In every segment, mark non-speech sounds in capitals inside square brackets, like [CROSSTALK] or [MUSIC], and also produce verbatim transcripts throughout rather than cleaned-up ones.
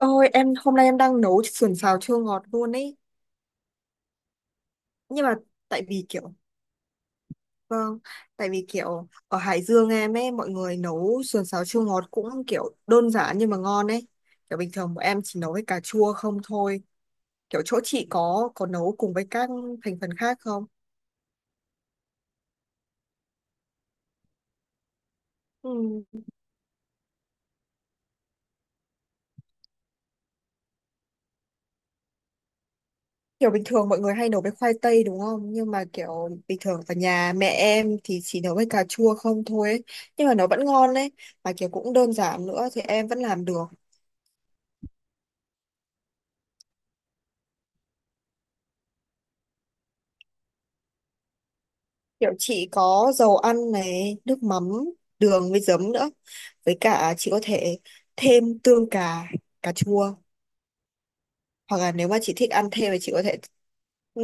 Ôi, em hôm nay em đang nấu sườn xào chua ngọt luôn ấy. Nhưng mà tại vì kiểu vâng tại vì kiểu ở Hải Dương em ấy mọi người nấu sườn xào chua ngọt cũng kiểu đơn giản nhưng mà ngon ấy. Kiểu bình thường bọn em chỉ nấu với cà chua không thôi. Kiểu chỗ chị có có nấu cùng với các thành phần khác không? ừ. Kiểu bình thường mọi người hay nấu với khoai tây đúng không, nhưng mà kiểu bình thường ở nhà mẹ em thì chỉ nấu với cà chua không thôi ấy. Nhưng mà nó vẫn ngon đấy, mà kiểu cũng đơn giản nữa thì em vẫn làm được. Kiểu chị có dầu ăn này, nước mắm, đường với giấm nữa. Với cả chị có thể thêm tương cà, cà chua. Hoặc là nếu mà chị thích ăn thêm thì chị có thể ừ,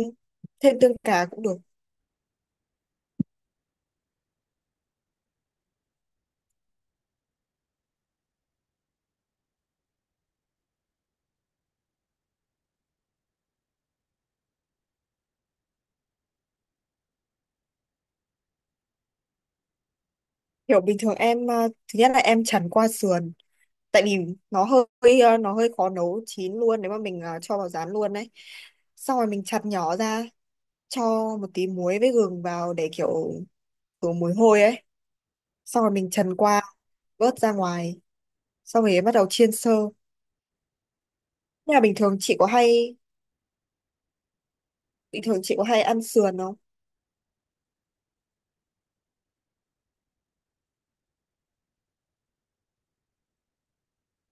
thêm tương cà cũng được. Kiểu bình thường em, à, thứ nhất là em chần qua sườn. Tại vì nó hơi à, nó hơi khó nấu chín luôn nếu mà mình à, cho vào rán luôn đấy. Xong rồi mình chặt nhỏ ra, cho một tí muối với gừng vào để kiểu khử mùi hôi ấy. Xong rồi mình trần qua, vớt ra ngoài. Xong rồi bắt đầu chiên sơ. Nhà bình thường chị có hay Bình thường chị có hay ăn sườn không?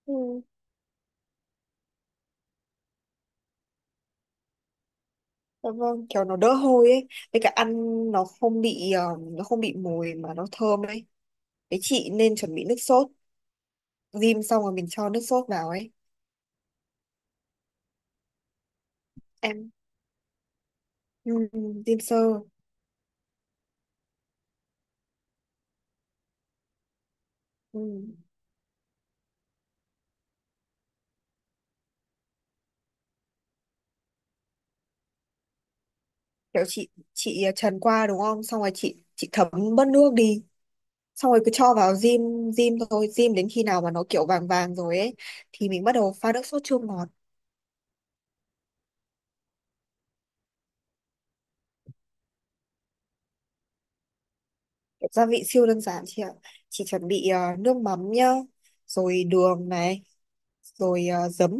Ừ. Dạ vâng, kiểu nó đỡ hôi ấy, với cả ăn nó không bị ờ, nó không bị mùi mà nó thơm ấy. Thế chị nên chuẩn bị nước sốt, rim xong rồi mình cho nước sốt vào ấy. Em ừ, Rim sơ. Ừ. Kiểu chị chị ờ, trần qua đúng không? Xong rồi chị chị thấm bớt nước đi. Xong rồi cứ cho vào rim rim thôi, rim đến khi nào mà nó kiểu vàng vàng rồi ấy thì mình bắt đầu pha nước sốt chua ngọt. Gia vị siêu đơn giản chị ạ, chỉ chuẩn bị ờ, nước mắm nhá, rồi đường này, rồi ờ, giấm.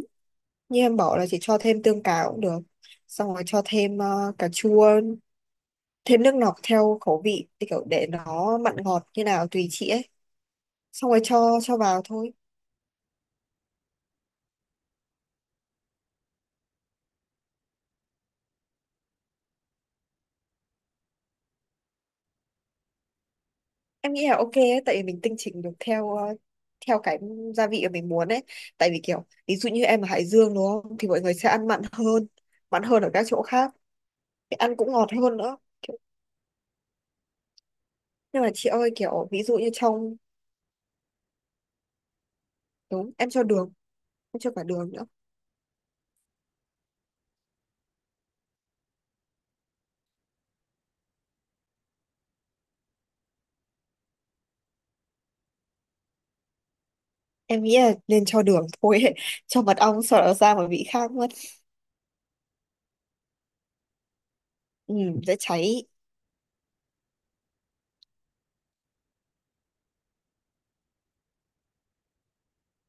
Như em bảo là chị cho thêm tương cà cũng được, xong rồi cho thêm ờ, cà chua, thêm nước lọc theo khẩu vị, thì kiểu để nó mặn ngọt như nào tùy chị ấy, xong rồi cho cho vào thôi. Em nghĩ là ok ấy, tại vì mình tinh chỉnh được theo ờ, theo cái gia vị mà mình muốn ấy. Tại vì kiểu ví dụ như em ở Hải Dương đúng không thì mọi người sẽ ăn mặn hơn, mặn hơn ở các chỗ khác. Thì ăn cũng ngọt hơn nữa. Nhưng mà chị ơi kiểu ví dụ như trong đúng, em cho đường, em cho cả đường nữa. Em nghĩ là nên cho đường thôi ấy. [LAUGHS] Cho mật ong sợ nó ra mà vị khác mất. Ừ, dễ cháy.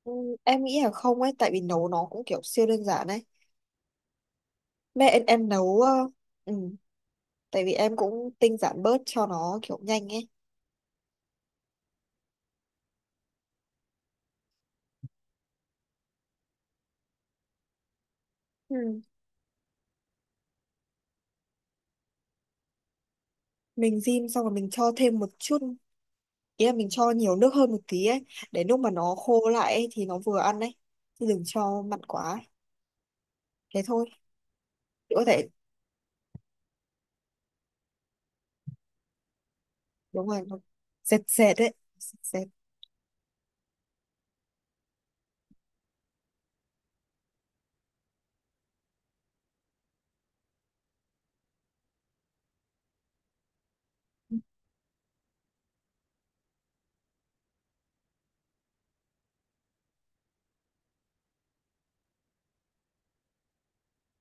Ừ, em nghĩ là không ấy, tại vì nấu nó cũng kiểu siêu đơn giản ấy. Mẹ em, em nấu ờ, ừ, tại vì em cũng tinh giản bớt cho nó kiểu nhanh ấy. Ừ, mình rim xong rồi mình cho thêm một chút, ý là mình cho nhiều nước hơn một tí ấy, để lúc mà nó khô lại ấy, thì nó vừa ăn ấy, chứ đừng cho mặn quá ấy. Thế thôi, chị có thể đúng rồi, nó dệt dệt đấy, dệt dệt.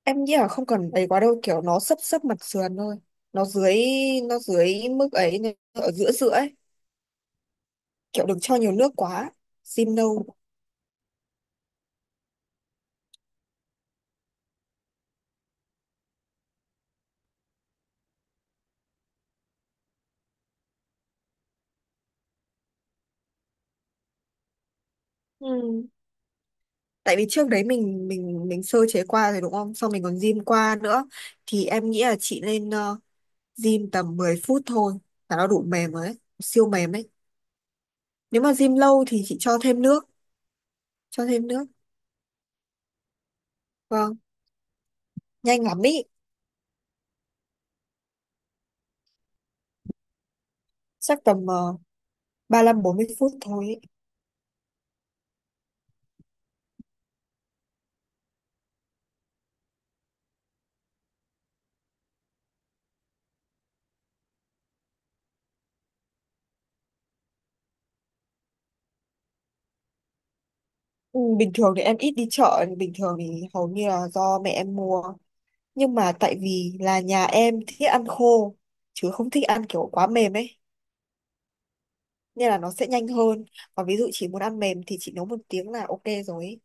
Em nghĩ là không cần ấy quá đâu, kiểu nó sấp sấp mặt sườn thôi, nó dưới nó dưới mức ấy, nó ở giữa giữa ấy. Kiểu đừng cho nhiều nước quá, rim nâu. Ừ. Tại vì trước đấy mình mình mình sơ chế qua rồi đúng không, xong mình còn rim qua nữa, thì em nghĩ là chị nên uh, rim tầm mười phút thôi là nó đủ mềm rồi ấy, siêu mềm ấy. Nếu mà rim lâu thì chị cho thêm nước, cho thêm nước. Vâng, nhanh lắm ý. Chắc tầm uh, ba lăm bốn mươi phút thôi ý. Ừ, bình thường thì em ít đi chợ, bình thường thì hầu như là do mẹ em mua. Nhưng mà tại vì là nhà em thích ăn khô, chứ không thích ăn kiểu quá mềm ấy, nên là nó sẽ nhanh hơn. Còn ví dụ chị muốn ăn mềm thì chị nấu một tiếng là ok rồi ấy.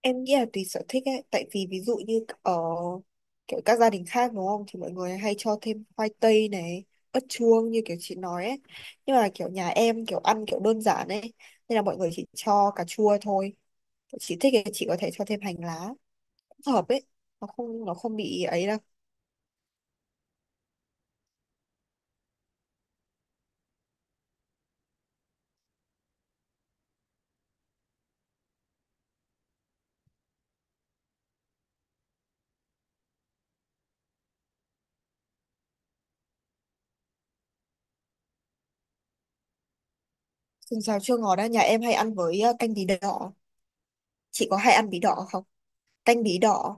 Em nghĩ là tùy sở thích ấy, tại vì ví dụ như ở kiểu các gia đình khác đúng không thì mọi người hay cho thêm khoai tây này, ớt chuông như kiểu chị nói ấy. Nhưng mà kiểu nhà em kiểu ăn kiểu đơn giản ấy, nên là mọi người chỉ cho cà chua thôi. Chị thích thì chị có thể cho thêm hành lá, hợp ấy, nó không nó không bị ấy đâu. Sườn xào chua ngọt á, nhà em hay ăn với ờ, canh bí đỏ. Chị có hay ăn bí đỏ không? Canh bí đỏ,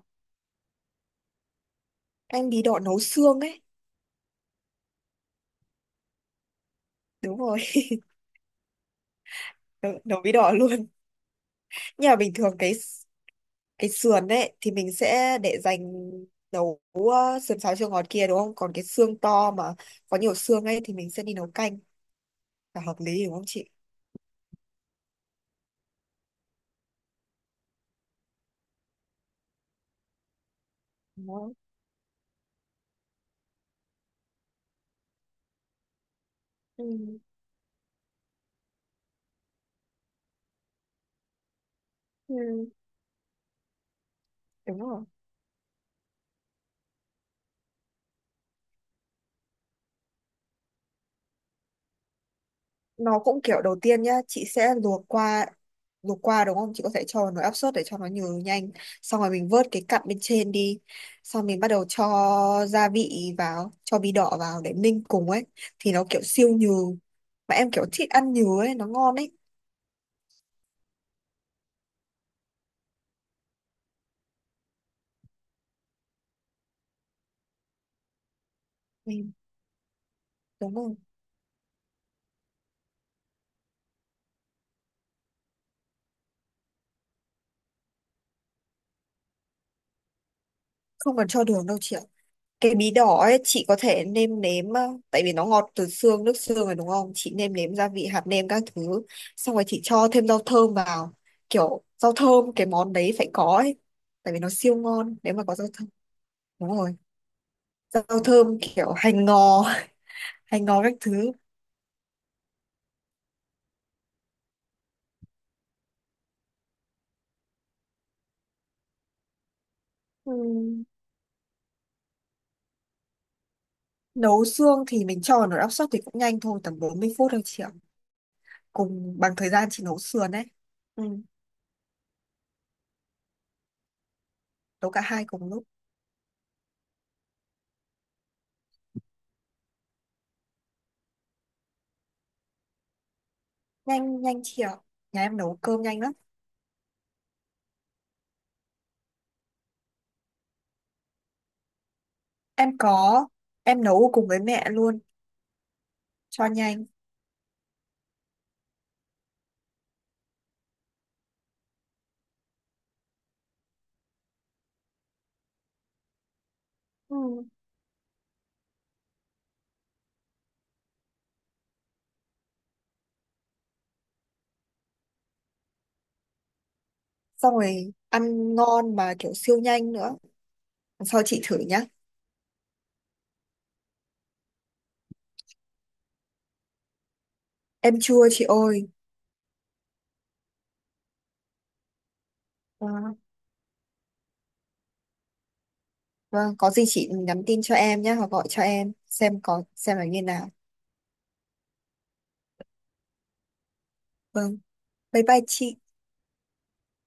canh bí đỏ nấu xương ấy. Đúng rồi [LAUGHS] nấu, nấu bí đỏ luôn. Nhưng mà bình thường cái cái sườn ấy thì mình sẽ để dành nấu ờ, sườn xào chua ngọt kia đúng không, còn cái xương to mà có nhiều xương ấy thì mình sẽ đi nấu canh là hợp lý đúng không chị? Đúng không? Ừ. Ừ. Đúng rồi, nó cũng kiểu đầu tiên nhá, chị sẽ luộc qua, luộc qua đúng không, chị có thể cho vào nồi áp suất để cho nó nhừ nhanh, xong rồi mình vớt cái cặn bên trên đi, xong mình bắt đầu cho gia vị vào, cho bí đỏ vào để ninh cùng ấy, thì nó kiểu siêu nhừ, mà em kiểu thích ăn nhừ ấy, nó ngon ấy. Ừ, đúng rồi. Không cần cho đường đâu chị ạ. Cái bí đỏ ấy chị có thể nêm nếm ờ, tại vì nó ngọt từ xương, nước xương rồi đúng không, chị nêm nếm gia vị, hạt nêm các thứ, xong rồi chị cho thêm rau thơm vào, kiểu rau thơm cái món đấy phải có ấy, tại vì nó siêu ngon nếu mà có rau thơm. Đúng rồi, rau thơm kiểu hành ngò [LAUGHS] hành ngò các thứ. Ừm, nấu xương thì mình cho vào nồi áp suất thì cũng nhanh thôi, tầm bốn mươi phút thôi chị ạ, cùng bằng thời gian chị nấu sườn ấy. Ừm, nấu cả hai cùng lúc. Nhanh, nhanh chị ạ, nhà em nấu cơm nhanh lắm. Em có, em nấu cùng với mẹ luôn cho nhanh. Ừ. Xong rồi ăn ngon mà kiểu siêu nhanh nữa. Lần sau chị thử nhá. Em chua chị ơi. Vâng, vâng, có gì chị nhắn tin cho em nhé, hoặc gọi cho em xem có xem là như nào. Vâng, bye bye chị.